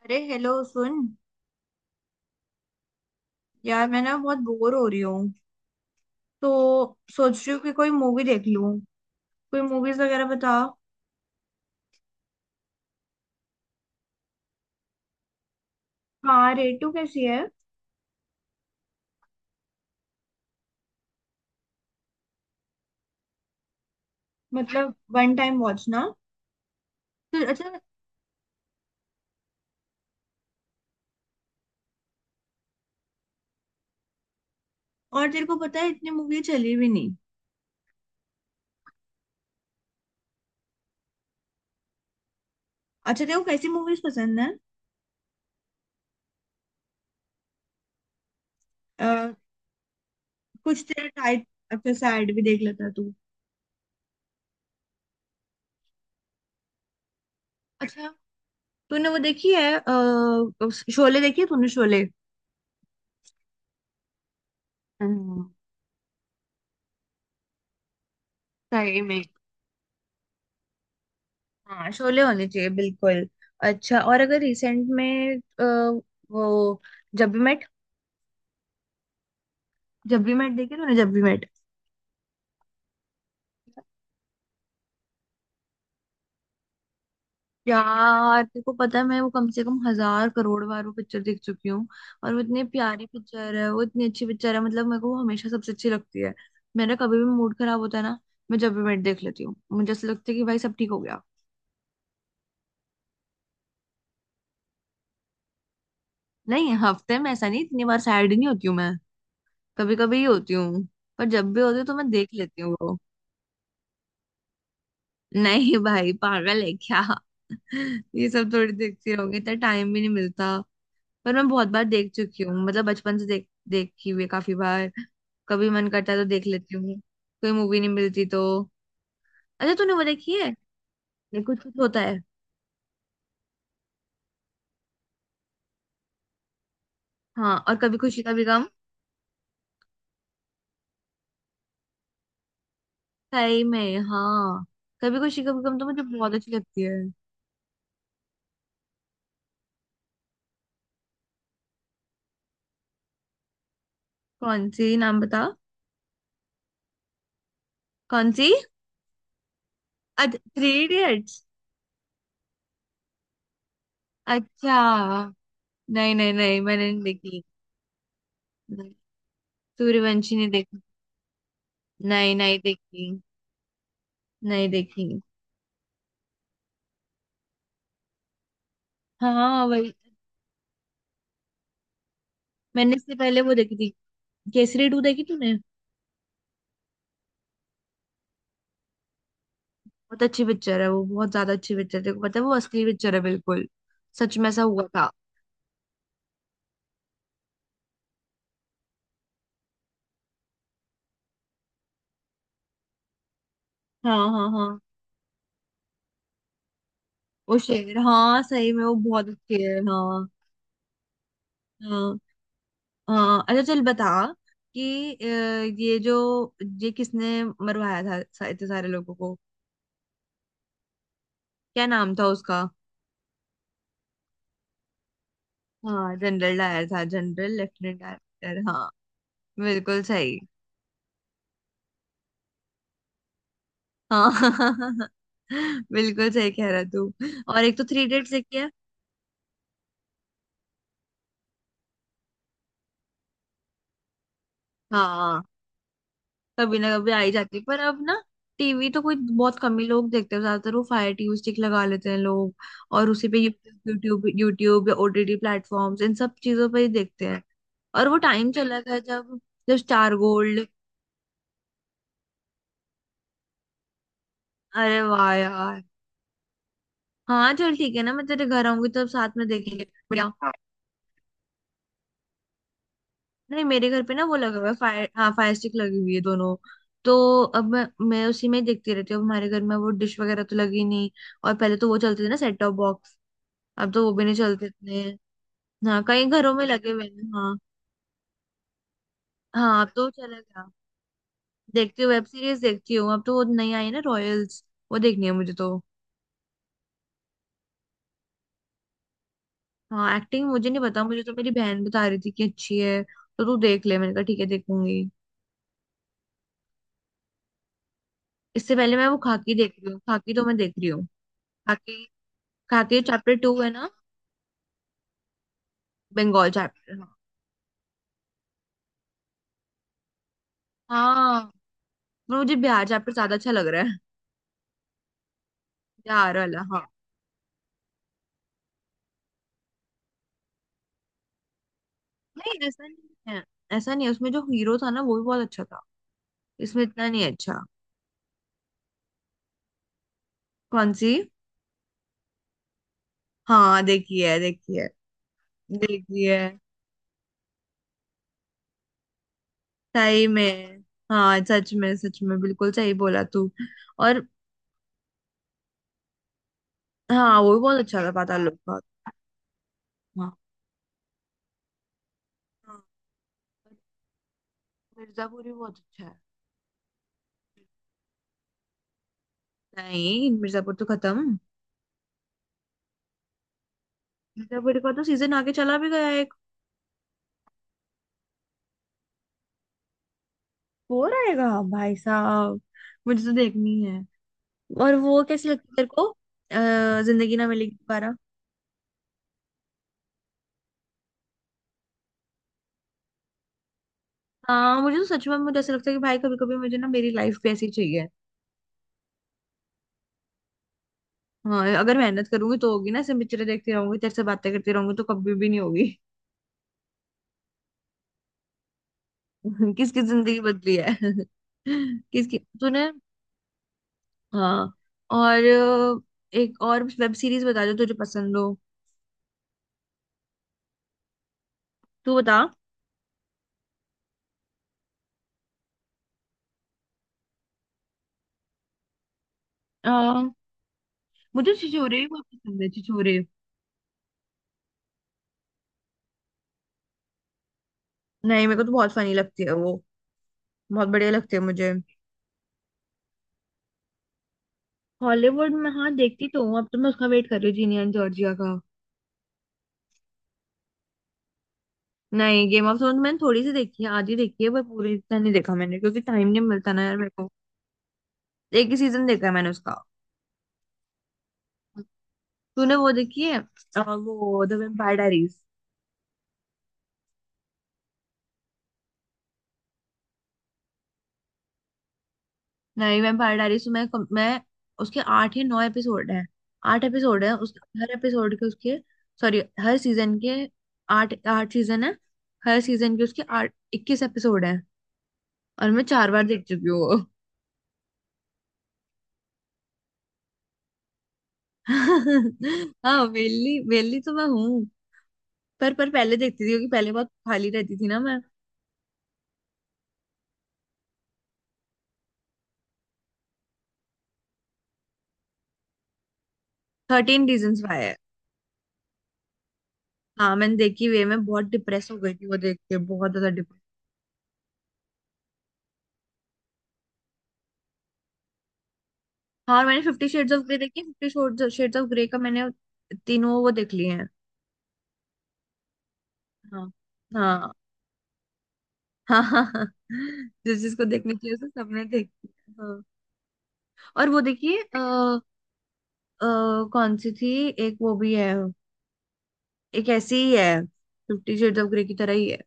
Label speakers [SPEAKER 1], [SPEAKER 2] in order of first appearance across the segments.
[SPEAKER 1] अरे हेलो सुन। यार मैं ना बहुत बोर हो रही हूँ। तो सोच रही हूँ कि कोई मूवी देख लूँ। कोई मूवीज वगैरह बता। हाँ, रेटू कैसी है? मतलब वन टाइम वॉच ना। तो अच्छा। और तेरे को पता है, इतनी मूवी चली भी नहीं। अच्छा, तेरे को कैसी मूवीज पसंद है? अ, कुछ तेरा टाइप। अच्छा, सैड भी देख लेता है तू? अच्छा, तूने वो देखी है शोले? देखी है तूने शोले? हम्म। सही में, हाँ, शोले होने चाहिए बिल्कुल। अच्छा, और अगर रिसेंट में वो जब भी मैट जब भी मैट देखी तूने, जब भी मैट? यार तेरे को पता है, मैं वो कम से कम हजार करोड़ बार वो पिक्चर देख चुकी हूँ। और वो इतनी प्यारी पिक्चर है, वो इतनी अच्छी पिक्चर है, मतलब मेरे को वो हमेशा सबसे अच्छी लगती है। मेरा कभी भी मूड खराब होता है ना, मैं जब भी मैट देख लेती हूँ, मुझे ऐसा लगता है कि भाई सब ठीक हो गया। नहीं, हफ्ते में ऐसा नहीं, इतनी बार सैड नहीं होती हूँ मैं। कभी कभी ही होती हूँ। पर जब भी होती हूँ तो मैं देख लेती हूँ वो। नहीं भाई, पागल है क्या? ये सब थोड़ी देखती रहोगे, इतना टाइम भी नहीं मिलता। पर मैं बहुत बार देख चुकी हूँ, मतलब बचपन से देखी हुई है काफी बार। कभी मन करता है तो देख लेती हूँ। कोई मूवी नहीं मिलती तो अच्छा, तूने वो देखी है, ये कुछ कुछ होता है? हाँ, और कभी खुशी कभी गम। सही में, हाँ। कभी खुशी कभी गम तो मुझे बहुत अच्छी लगती है। कौन सी, नाम बता। कौन सी? अच्छा, थ्री इडियट्स? अच्छा। नहीं नहीं नहीं, मैंने नहीं देखी। नहीं, सूर्यवंशी ने देखी। नहीं, नहीं देखी। नहीं देखी। हाँ, वही। मैंने इससे पहले वो देखी थी। केसरी टू देखी तूने? बहुत अच्छी पिक्चर है वो, बहुत ज्यादा अच्छी पिक्चर है। देखो, पता है, वो असली पिक्चर है बिल्कुल। सच में ऐसा हुआ था। हाँ हाँ हाँ। वो शेर, हाँ, सही में वो बहुत अच्छी है। हाँ हाँ हाँ। अच्छा चल बता कि ये जो ये किसने मरवाया था, इतने सारे लोगों को? क्या नाम था उसका? हाँ, जनरल डायर था, जनरल लेफ्टिनेंट डायर, हाँ। बिल्कुल सही। हाँ बिल्कुल सही कह रहा तू। और एक तो थ्री इडियट्स देखी है। हाँ, कभी ना कभी आ ही जाती है, पर अब ना टीवी तो कोई बहुत कम ही लोग देखते हैं, ज्यादातर वो फायर टीवी स्टिक लगा लेते हैं लोग। और उसी पे यूट्यूब यूट्यूब या ओटीटी प्लेटफॉर्म्स, इन सब चीजों पे ही देखते हैं। और वो टाइम चला गया जब, जब स्टार गोल्ड। अरे वाह यार। हाँ चल ठीक है ना, मैं तेरे घर आऊंगी तब साथ में देखेंगे, बढ़िया। नहीं, मेरे घर पे ना वो लगा हुआ है फायर, हाँ फायर स्टिक लगी हुई है दोनों। तो अब मैं उसी में ही देखती रहती हूँ। अब हमारे घर में वो डिश वगैरह तो लगी नहीं, और पहले तो वो चलते थे ना, सेट टॉप बॉक्स। अब तो वो भी नहीं चलते इतने। हाँ, कई घरों में लगे हुए हैं, हाँ। हाँ, अब तो चला गया। देखती हूँ, वेब सीरीज देखती हूँ। अब तो वो नई आई है ना, रॉयल्स। वो देखनी है मुझे तो। हाँ, एक्टिंग मुझे नहीं पता, मुझे तो मेरी बहन बता रही थी कि अच्छी है, तो तू देख ले, मैंने कहा ठीक है देखूंगी। इससे पहले मैं वो खाकी देख रही हूँ, खाकी तो मैं देख रही हूँ। खाकी। खाकी चैप्टर टू है ना, बंगाल चैप्टर। हाँ हाँ। पर मुझे बिहार चैप्टर ज्यादा अच्छा लग रहा है। बिहार वाला, हाँ। नहीं ऐसा नहीं है। ऐसा नहीं है, उसमें जो हीरो था ना वो भी बहुत अच्छा था। इसमें इतना नहीं अच्छा। कौन सी? हाँ, देखी है देखी है। देखी है। सही में, हाँ, सच में बिल्कुल सही बोला तू। और हाँ, वो भी बहुत अच्छा था पाताल लोक का। हाँ हाँ, पर मिर्जापुर भी बहुत अच्छा है। नहीं, मिर्जापुर तो खत्म। मिर्जापुर का तो सीजन आगे चला भी गया है। वो रहेगा भाई साहब। मुझे तो देखनी है। और वो कैसी लगती है तेरे को, जिंदगी ना मिलेगी दोबारा? हाँ मुझे तो सच में, मुझे ऐसा लगता है कि भाई कभी कभी मुझे ना, मेरी लाइफ भी ऐसी चाहिए। हाँ, अगर मेहनत करूंगी तो होगी ना, ऐसे पिक्चरें देखती रहूंगी, तेरे से बातें करती रहूंगी तो कभी भी नहीं होगी। किसकी जिंदगी बदली है? किसकी तूने? हाँ। और एक और वेब सीरीज बता जो तुझे पसंद हो। तू बता। अ, मुझे छिछोरे भी बहुत पसंद है, छिछोरे। नहीं, मेरे को तो बहुत फनी लगती है वो। बहुत बढ़िया लगते हैं मुझे। हॉलीवुड में, हाँ, देखती तो हूँ। अब तो मैं उसका वेट कर रही हूँ, जीनिया एंड जॉर्जिया का। नहीं, गेम ऑफ थ्रोन्स मैंने थोड़ी सी देखी है, आधी देखी है, पर पूरी इतना नहीं देखा मैंने क्योंकि टाइम नहीं मिलता ना यार मेरे को। एक ही सीजन देखा है मैंने उसका। तूने वो देखी है, वो द वेम्पायर डायरीज? नहीं, वेम्पायर डायरीज तो मैं मैं उसके 8 या 9 एपिसोड है। 8 एपिसोड है उस। हर एपिसोड के उसके, सॉरी, हर सीजन के। आठ आठ सीजन है। हर सीजन के उसके आठ, इक्कीस एपिसोड है। और मैं 4 बार देख चुकी हूँ। हाँ, वेली वेली तो मैं हूँ। पर पहले देखती थी क्योंकि पहले बहुत खाली रहती थी ना मैं। थर्टीन रीजंस वाई है। हाँ मैंने देखी वे, मैं बहुत डिप्रेस हो गई थी वो देख के, बहुत ज्यादा डिप्रेस। हाँ, और मैंने फिफ्टी शेड्स ऑफ ग्रे देखी, फिफ्टी शेड्स ऑफ ग्रे का मैंने तीनों वो देख लिए हैं। हाँ हाँ। हाँ हाँ हाँ। जिस जिसको देखनी चाहिए उसे सबने देख लिया, हाँ। और वो देखिए कौन सी थी? एक वो भी है, एक ऐसी ही है, फिफ्टी शेड्स ऑफ ग्रे की तरह ही है।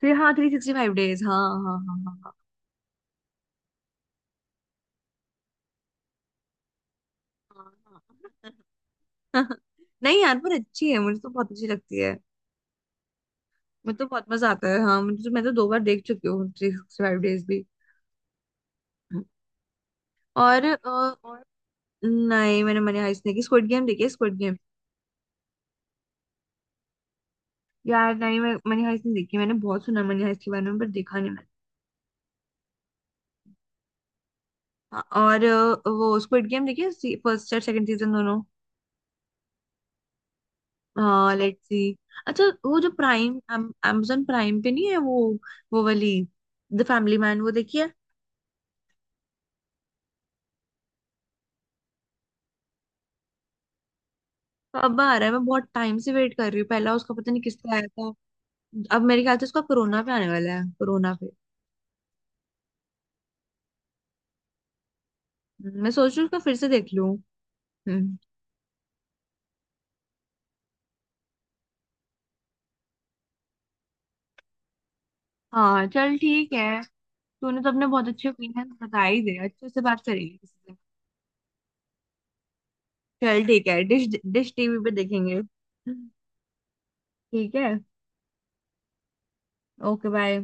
[SPEAKER 1] फिर हाँ, थ्री सिक्सटी फाइव डेज। हाँ हाँ हाँ हाँ हाँ। हाँ, हाँ। हाँ। नहीं यार, पर अच्छी है, मुझे तो बहुत अच्छी लगती है। मुझे तो बहुत मजा आता है, हाँ, मुझे तो मैं तो 2 बार देख चुकी हूँ थ्री सिक्सटी फाइव डेज भी। और नहीं, मैंने मनी हाइस्ट नहीं देखी, स्क्विड गेम देखी है स्क्विड गेम। यार नहीं, मैं मनी हाइस्ट नहीं देखी, मैंने बहुत सुना मनी हाइस्ट के बारे में पर देखा नहीं मैंने। हाँ, और वो स्क्विड गेम देखी है, फर्स्ट और सेकंड सीजन दोनों। हाँ, लेट्स सी। अच्छा, वो जो प्राइम, amazon प्राइम पे नहीं है वो वाली, द फैमिली मैन, वो देखी है? अब आ रहा है, मैं बहुत टाइम से वेट कर रही हूँ, पहला उसका पता नहीं किस पे आया था। अब मेरे ख्याल से उसका कोरोना पे आने वाला है, कोरोना पे। मैं सोच रही हूँ उसका फिर से देख लूँ। हम्म। हाँ चल ठीक है। तूने तो अपने बहुत अच्छे ओपिनियन बता ही दे, अच्छे से बात करेंगे किसी दिन। चल ठीक है, डिश, डिश टीवी पे देखेंगे। ठीक है। Okay bye.